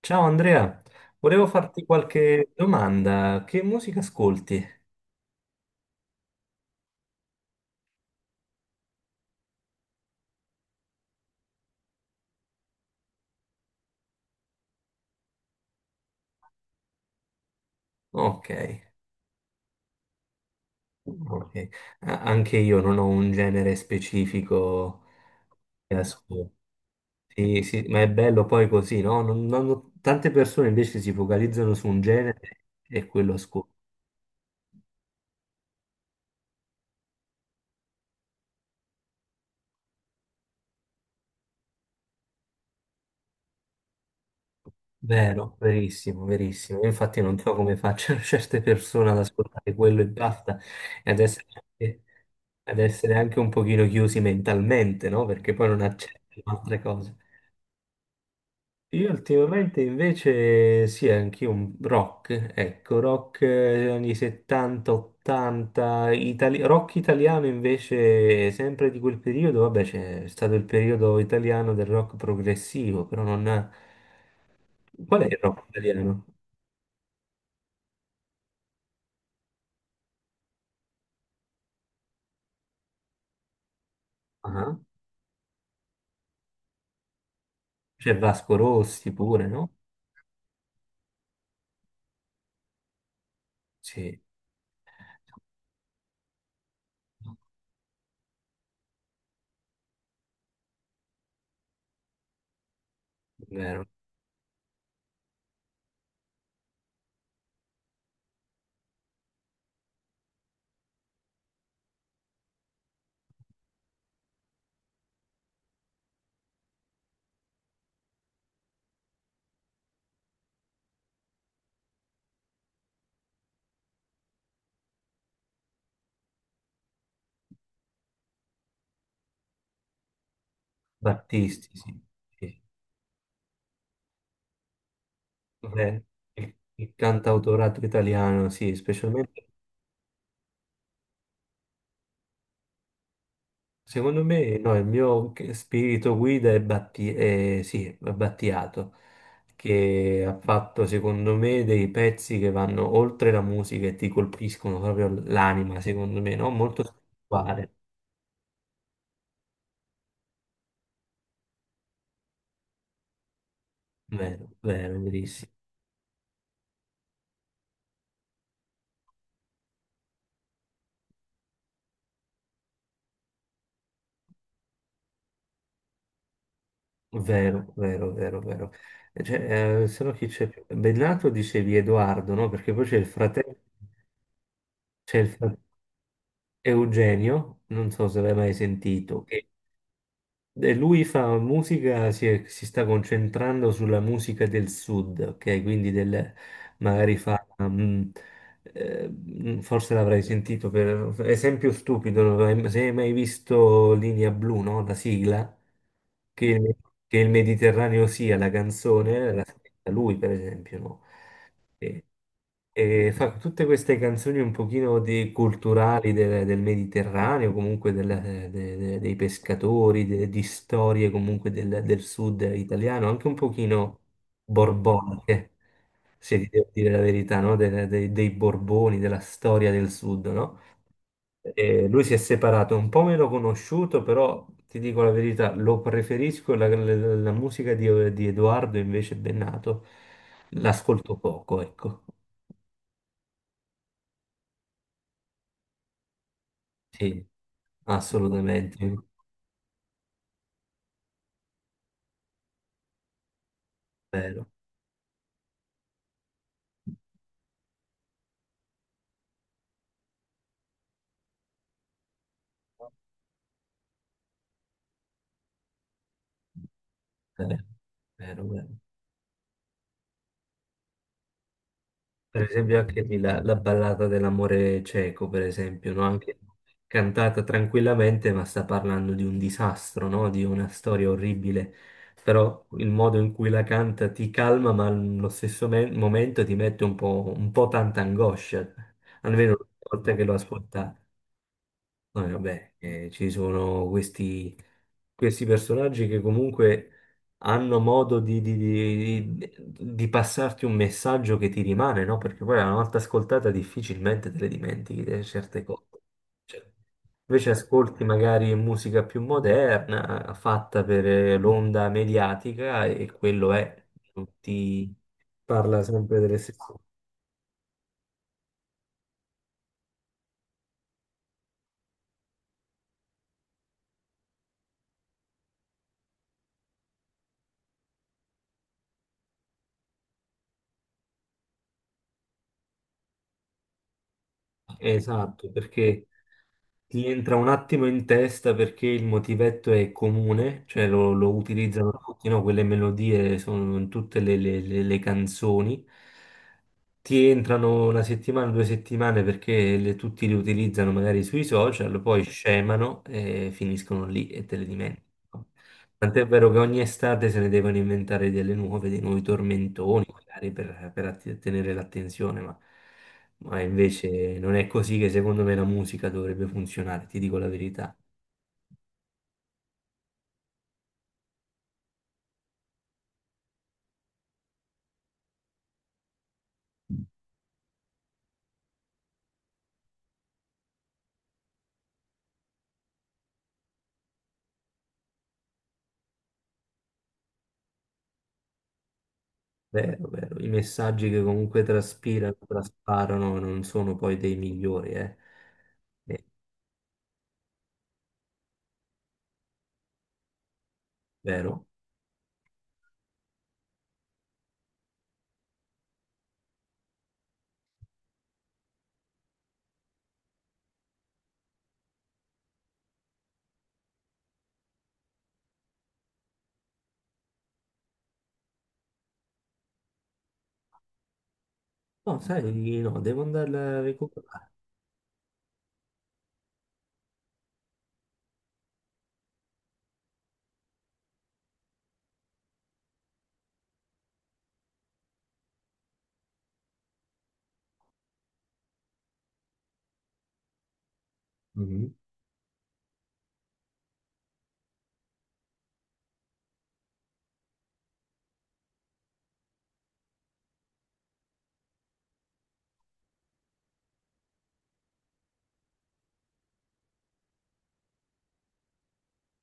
Ciao Andrea, volevo farti qualche domanda. Che musica ascolti? Ok, ok. Anche io non ho un genere specifico che ascolto. Sì, sì, ma è bello poi così, no? Tante persone invece si focalizzano su un genere e quello ascolto. Vero, verissimo, verissimo. Io infatti non so come facciano certe persone ad ascoltare quello e basta, e ad essere, anche, ad essere anche un pochino chiusi mentalmente, no? Perché poi non accettano altre cose. Io ultimamente invece sì, anche un rock, ecco, rock anni 70-80, rock italiano invece sempre di quel periodo, vabbè c'è stato il periodo italiano del rock progressivo, però non... Qual è il rock italiano? Ah, c'è Vasco Rossi pure, no? Sì, vero, Battisti, sì, sì. Vabbè, il cantautorato italiano, sì, specialmente. Secondo me, no, il mio spirito guida è, sì, è Battiato, che ha fatto, secondo me, dei pezzi che vanno oltre la musica e ti colpiscono proprio l'anima, secondo me, no? Molto spirituale. Vero, vero, verissimo. Vero, vero, vero, vero. Cioè, se no chi c'è più? Bennato dicevi Edoardo, no? Perché poi c'è il fratello, c'è il fratello Eugenio, non so se l'hai mai sentito. E lui fa musica, si sta concentrando sulla musica del sud, ok? Quindi magari fa, forse l'avrai sentito per esempio stupido, non l'hai- se hai mai visto Linea Blu, no? La sigla, che il, che il Mediterraneo sia la canzone, la scritta lui per esempio, no? E, e fa tutte queste canzoni un pochino culturali del Mediterraneo, comunque dei pescatori, di storie comunque del sud italiano, anche un pochino borboniche, se ti devo dire la verità, no? Dei Borboni, della storia del sud, no? E lui si è separato, un po' meno conosciuto, però ti dico la verità, lo preferisco, la musica di Edoardo invece Bennato, l'ascolto poco, ecco. Sì, assolutamente, vero, vero, vero, vero. Per esempio anche lì la ballata dell'amore cieco, per esempio, no? Anche cantata tranquillamente, ma sta parlando di un disastro, no? Di una storia orribile, però il modo in cui la canta ti calma, ma allo stesso momento ti mette un po' tanta angoscia, almeno una volta che lo ascolta. No, e vabbè, ci sono questi, personaggi che comunque hanno modo di passarti un messaggio che ti rimane, no? Perché poi una volta ascoltata difficilmente te le dimentichi certe cose. Cioè, invece ascolti magari musica più moderna, fatta per l'onda mediatica e quello è, non ti parla sempre delle stesse cose. Esatto, perché... Ti entra un attimo in testa perché il motivetto è comune, cioè lo utilizzano tutti, no? Quelle melodie sono in tutte le canzoni, ti entrano una settimana, due settimane perché tutti li utilizzano magari sui social, poi scemano e finiscono lì e te le dimentichi. Tant'è vero che ogni estate se ne devono inventare delle nuove, dei nuovi tormentoni, magari per tenere l'attenzione, ma invece non è così che secondo me la musica dovrebbe funzionare, ti dico la verità. Vero, vero. I messaggi che comunque traspirano, trasparano, non sono poi dei migliori, eh. È vero. No, sai, di no, devo andarla a recuperare. Mhm.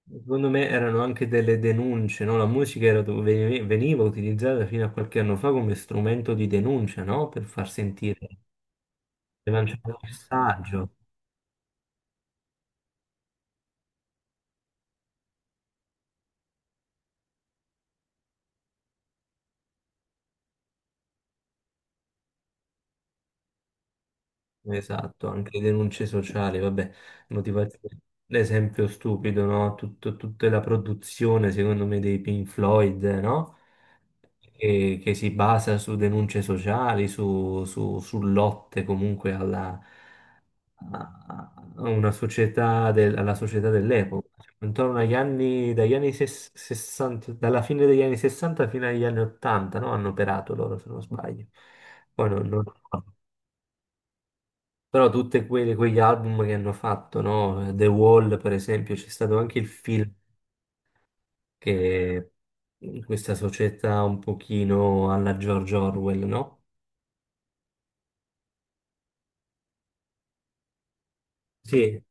Secondo me erano anche delle denunce, no? La musica era dove veniva utilizzata fino a qualche anno fa come strumento di denuncia, no? Per far sentire, per lanciare un messaggio. Esatto, anche le denunce sociali, vabbè, motivazione. L'esempio stupido, no? Tutta la produzione, secondo me, dei Pink Floyd, no? Che si basa su denunce sociali, su lotte comunque alla, a una società alla società dell'epoca. Cioè, intorno agli anni, dagli anni 60, dalla fine degli anni 60 fino agli anni 80, no? Hanno operato loro, se non sbaglio. Poi non... Però tutti quegli album che hanno fatto, no? The Wall, per esempio, c'è stato anche il film che in questa società un pochino alla George Orwell, no? Sì,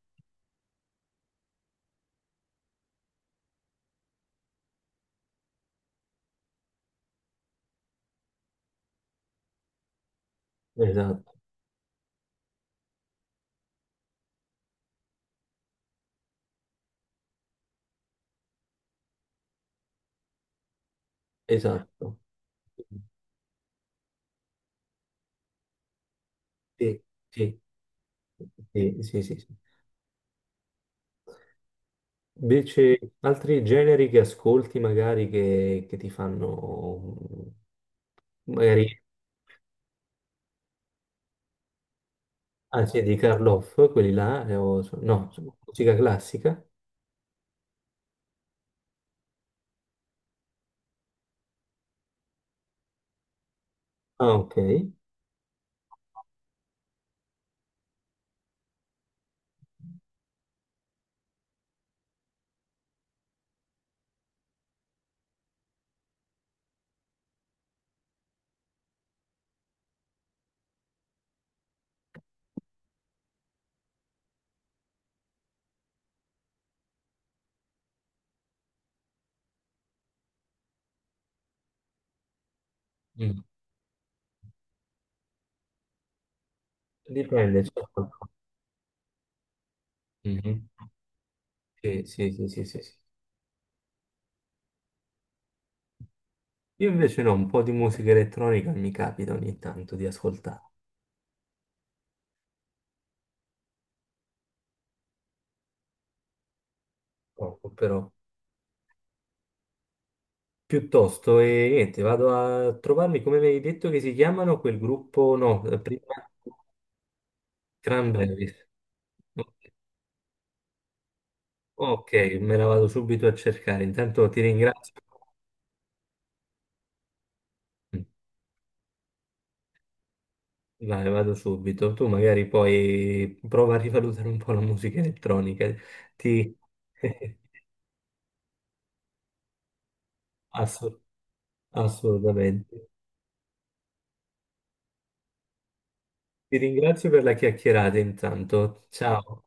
esatto, esatto. Sì, sì, sì, sì, sì, sì. Invece, altri generi che ascolti magari che ti fanno, magari, anzi, di Karloff, quelli là, so, no, so, musica classica. Ah, ok. Mm. Dipende, certo. Mhm. Sì, sì, sì, sì, sì, sì. Io invece no, un po' di musica elettronica mi capita ogni tanto di ascoltare, poco però. Piuttosto, e niente, vado a trovarmi, come mi hai detto che si chiamano quel gruppo, no, prima Cranberries. Ok, me la vado subito a cercare, intanto ti ringrazio. Mm, vai, vado subito, tu magari poi prova a rivalutare un po' la musica elettronica, ti... Assu- assolutamente. Ti ringrazio per la chiacchierata intanto. Ciao.